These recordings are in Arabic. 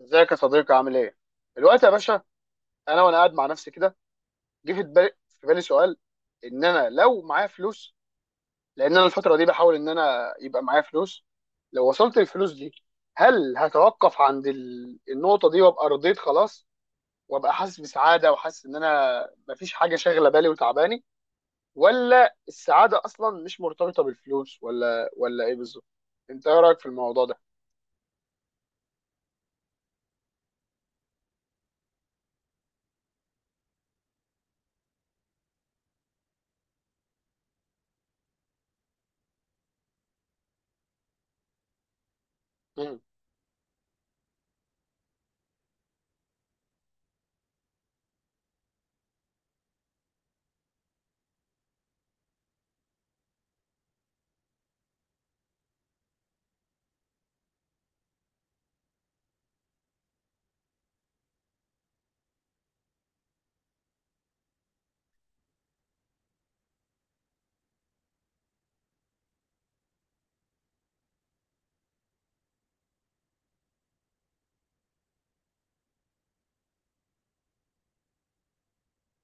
ازيك يا صديقي، عامل ايه؟ دلوقتي يا باشا، وانا قاعد مع نفسي كده. جه في بالي، سؤال. ان انا لو معايا فلوس، لان انا الفتره دي بحاول ان انا يبقى معايا فلوس. لو وصلت الفلوس دي، هل هتوقف عند النقطه دي وابقى رضيت خلاص، وابقى حاسس بسعاده، وحاسس ان انا مفيش حاجه شاغله بالي وتعباني؟ ولا السعاده اصلا مش مرتبطه بالفلوس، ولا ايه بالظبط؟ انت ايه رايك في الموضوع ده؟ مم.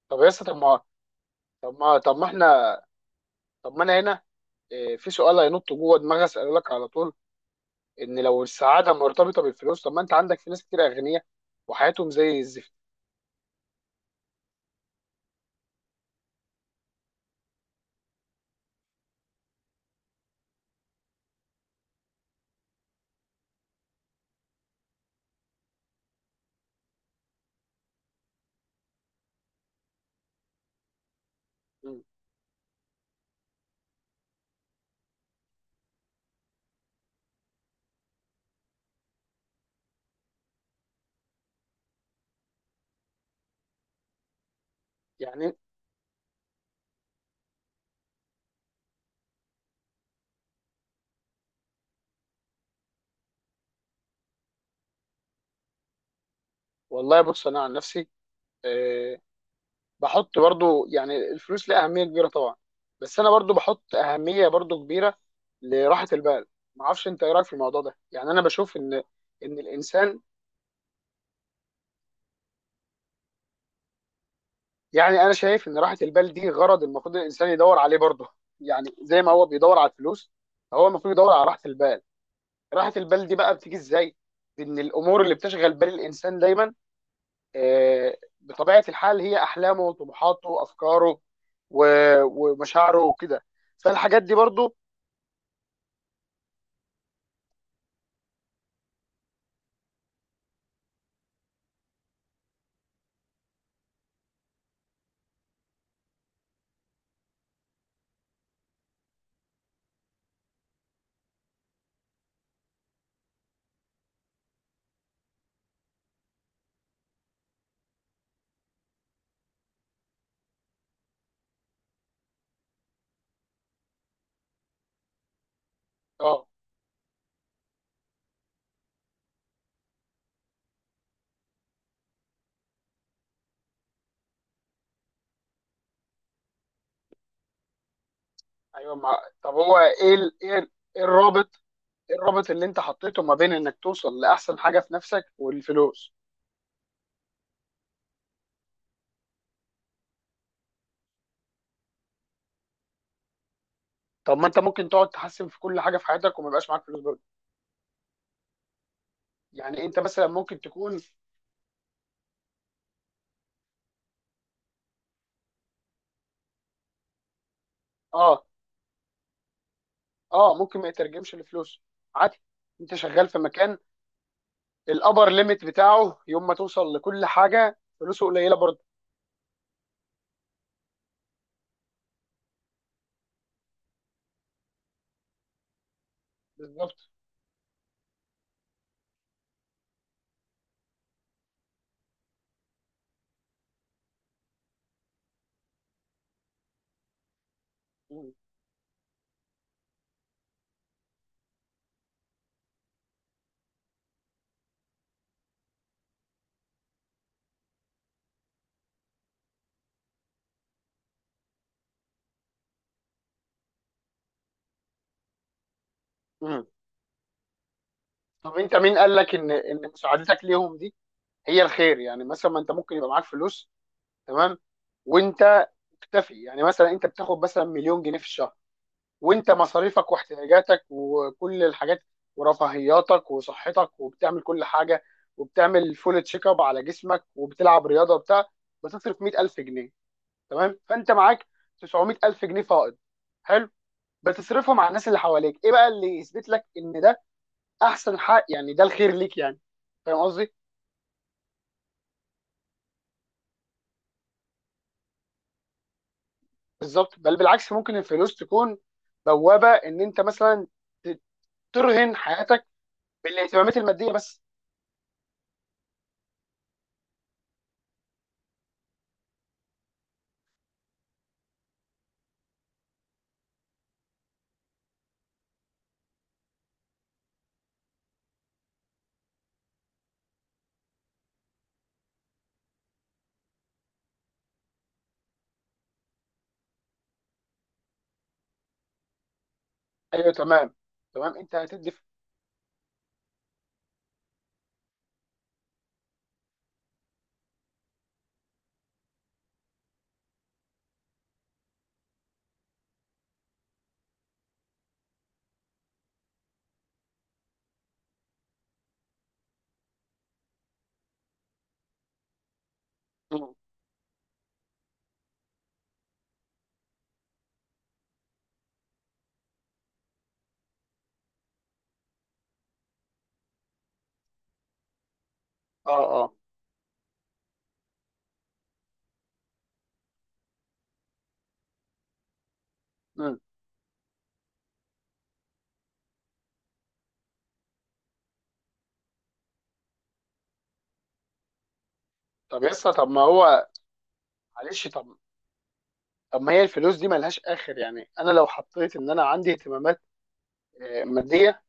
طب يا اسطى، طب ما طب ما احنا طب ما انا هنا. في سؤال هينط جوه دماغي، اساله لك على طول. ان لو السعاده مرتبطه بالفلوس، طب ما انت عندك في ناس كتير اغنياء وحياتهم زي الزفت. م. يعني والله بص، انا عن نفسي، آه، بحط برضو يعني الفلوس لها اهميه كبيره طبعا، بس انا برضو بحط اهميه برضو كبيره لراحه البال. ما اعرفش انت ايه رايك في الموضوع ده، يعني انا بشوف ان الانسان، يعني انا شايف ان راحه البال دي غرض المفروض الانسان يدور عليه برضو، يعني زي ما هو بيدور على الفلوس، هو المفروض يدور على راحه البال. راحة البال دي بقى بتيجي ازاي؟ ان الامور اللي بتشغل بال الانسان دايما، بطبيعة الحال، هي احلامه وطموحاته وافكاره ومشاعره وكده، فالحاجات دي برضو. اه، ايوه. طب هو ايه ال... إيه الرابط اللي انت حطيته ما بين انك توصل لاحسن حاجة في نفسك والفلوس؟ طب ما انت ممكن تقعد تحسن في كل حاجة في حياتك وما يبقاش معاك فلوس برضه. يعني انت مثلا ممكن تكون، اه اه ممكن ما يترجمش لفلوس. عادي. انت شغال في مكان، الابر ليميت بتاعه يوم ما توصل لكل حاجه، فلوسه قليله برضه. بالظبط. مم. مم. طب انت مين قال لك ان مساعدتك ليهم دي هي الخير؟ يعني مثلا ما انت ممكن يبقى معاك فلوس، تمام، وانت مكتفي، يعني مثلا انت بتاخد مثلا مليون جنيه في الشهر، وانت مصاريفك واحتياجاتك وكل الحاجات ورفاهياتك وصحتك وبتعمل كل حاجه، وبتعمل فول تشيك اب على جسمك وبتلعب رياضه وبتاع، بتصرف 100,000 جنيه، تمام، فانت معاك 900,000 جنيه فائض. حلو. بتصرفهم على الناس اللي حواليك. ايه بقى اللي يثبت لك ان ده احسن حق، يعني ده الخير ليك؟ يعني فاهم قصدي؟ بالظبط. بل بالعكس، ممكن الفلوس تكون بوابه ان انت مثلا ت- ترهن حياتك بالاهتمامات الماديه بس. ايوه، تمام، تمام. انت هتدي. مم. اه، اه. مم. طب يس طب ما هو معلش، طب ما هي الفلوس دي ملهاش اخر. يعني انا لو حطيت ان انا عندي اهتمامات ماديه،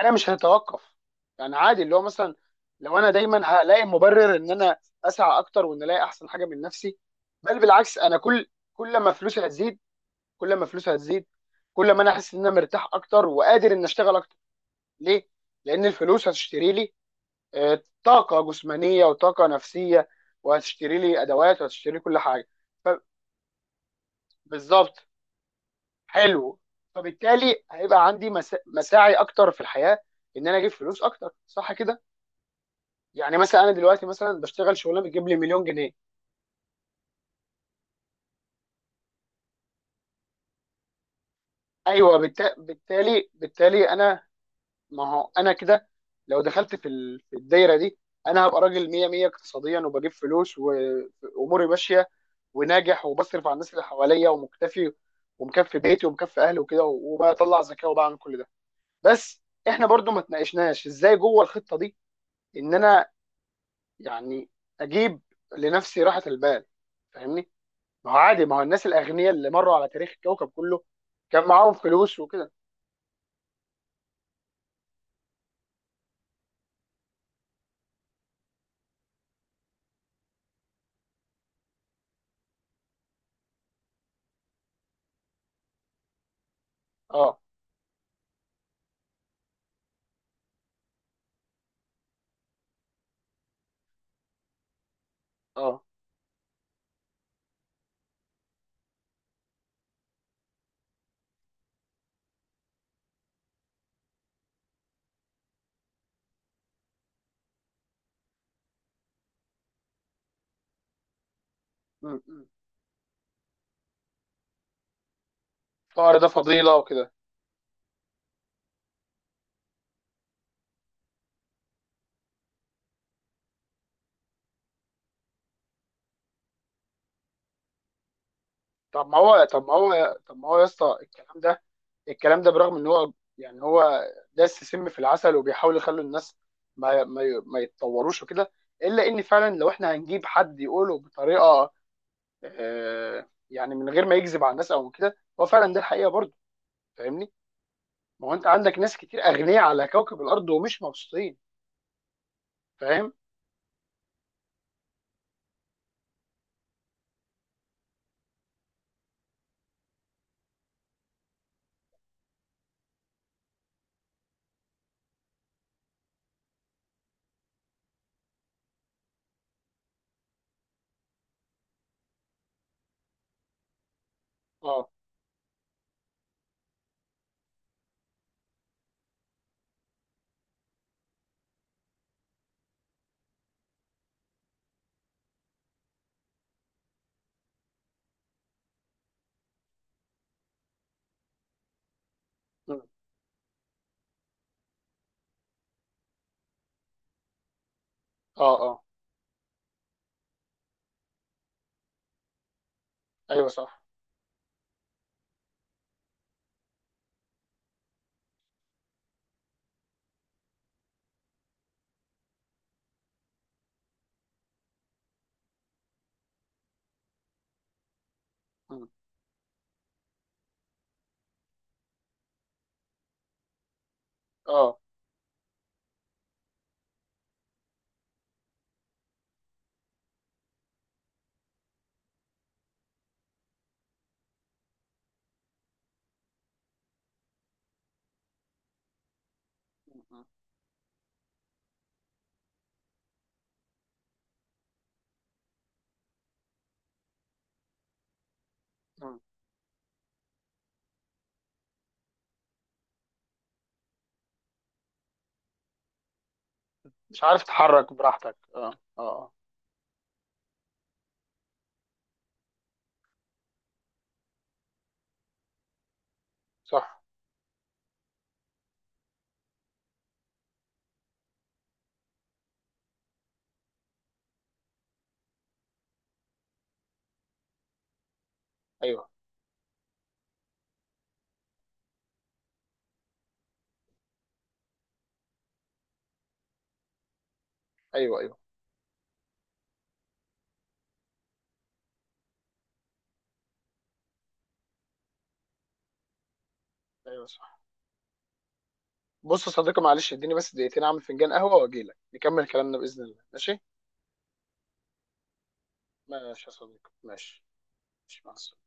انا مش هتوقف، يعني عادي اللي هو مثلا لو انا دايما هلاقي مبرر ان انا اسعى اكتر وان الاقي احسن حاجه من نفسي. بل بالعكس، انا كل ما فلوسي هتزيد، كل ما فلوسي هتزيد كل ما انا احس ان انا مرتاح اكتر وقادر ان اشتغل اكتر. ليه؟ لان الفلوس هتشتري لي طاقه جسمانيه وطاقه نفسيه، وهتشتري لي ادوات، وهتشتري لي كل حاجه. فبالظبط، حلو. فبالتالي هيبقى عندي مساعي اكتر في الحياه، ان انا اجيب فلوس اكتر، صح كده؟ يعني مثلا انا دلوقتي مثلا بشتغل شغلانه بتجيب لي مليون جنيه. ايوه، بالتالي انا، ما هو انا كده لو دخلت في الدايره دي، انا هبقى راجل 100 100 اقتصاديا، وبجيب فلوس واموري ماشيه وناجح، وبصرف على الناس اللي حواليا ومكتفي ومكفي بيتي ومكفي اهلي وكده، وبطلع زكاه وبعمل كل ده. بس احنا برضو ما تناقشناش ازاي جوه الخطه دي ان انا يعني اجيب لنفسي راحه البال. فاهمني؟ ما هو عادي، ما هو الناس الاغنياء اللي مروا على تاريخ الكوكب كله كان معاهم فلوس وكده. اه، اه. م. الفقر ده فضيله وكده. طب ما هو يا اسطى، الكلام ده، برغم ان هو، يعني داس سم في العسل، وبيحاول يخلي الناس ما يتطوروش وكده. الا ان فعلا، لو احنا هنجيب حد يقوله بطريقه، يعني، من غير ما يكذب على الناس او كده، هو فعلا ده الحقيقه برضه. فاهمني؟ ما هو انت عندك ناس كتير اغنياء على كوكب الارض ومش مبسوطين. فاهم؟ اه. مم. اه، اه. ايوه، صح. مم. اه. مم. مم. مش عارف تتحرك براحتك. اه، اه، اه. صح. ايوه، ايوه، ايوه، ايوه. صح. بص يا صديقي، معلش اديني بس دقيقتين اعمل فنجان قهوه واجي لك نكمل كلامنا باذن الله. ماشي. ماشي يا صديقي، ماشي. ماشي، مع السلامه.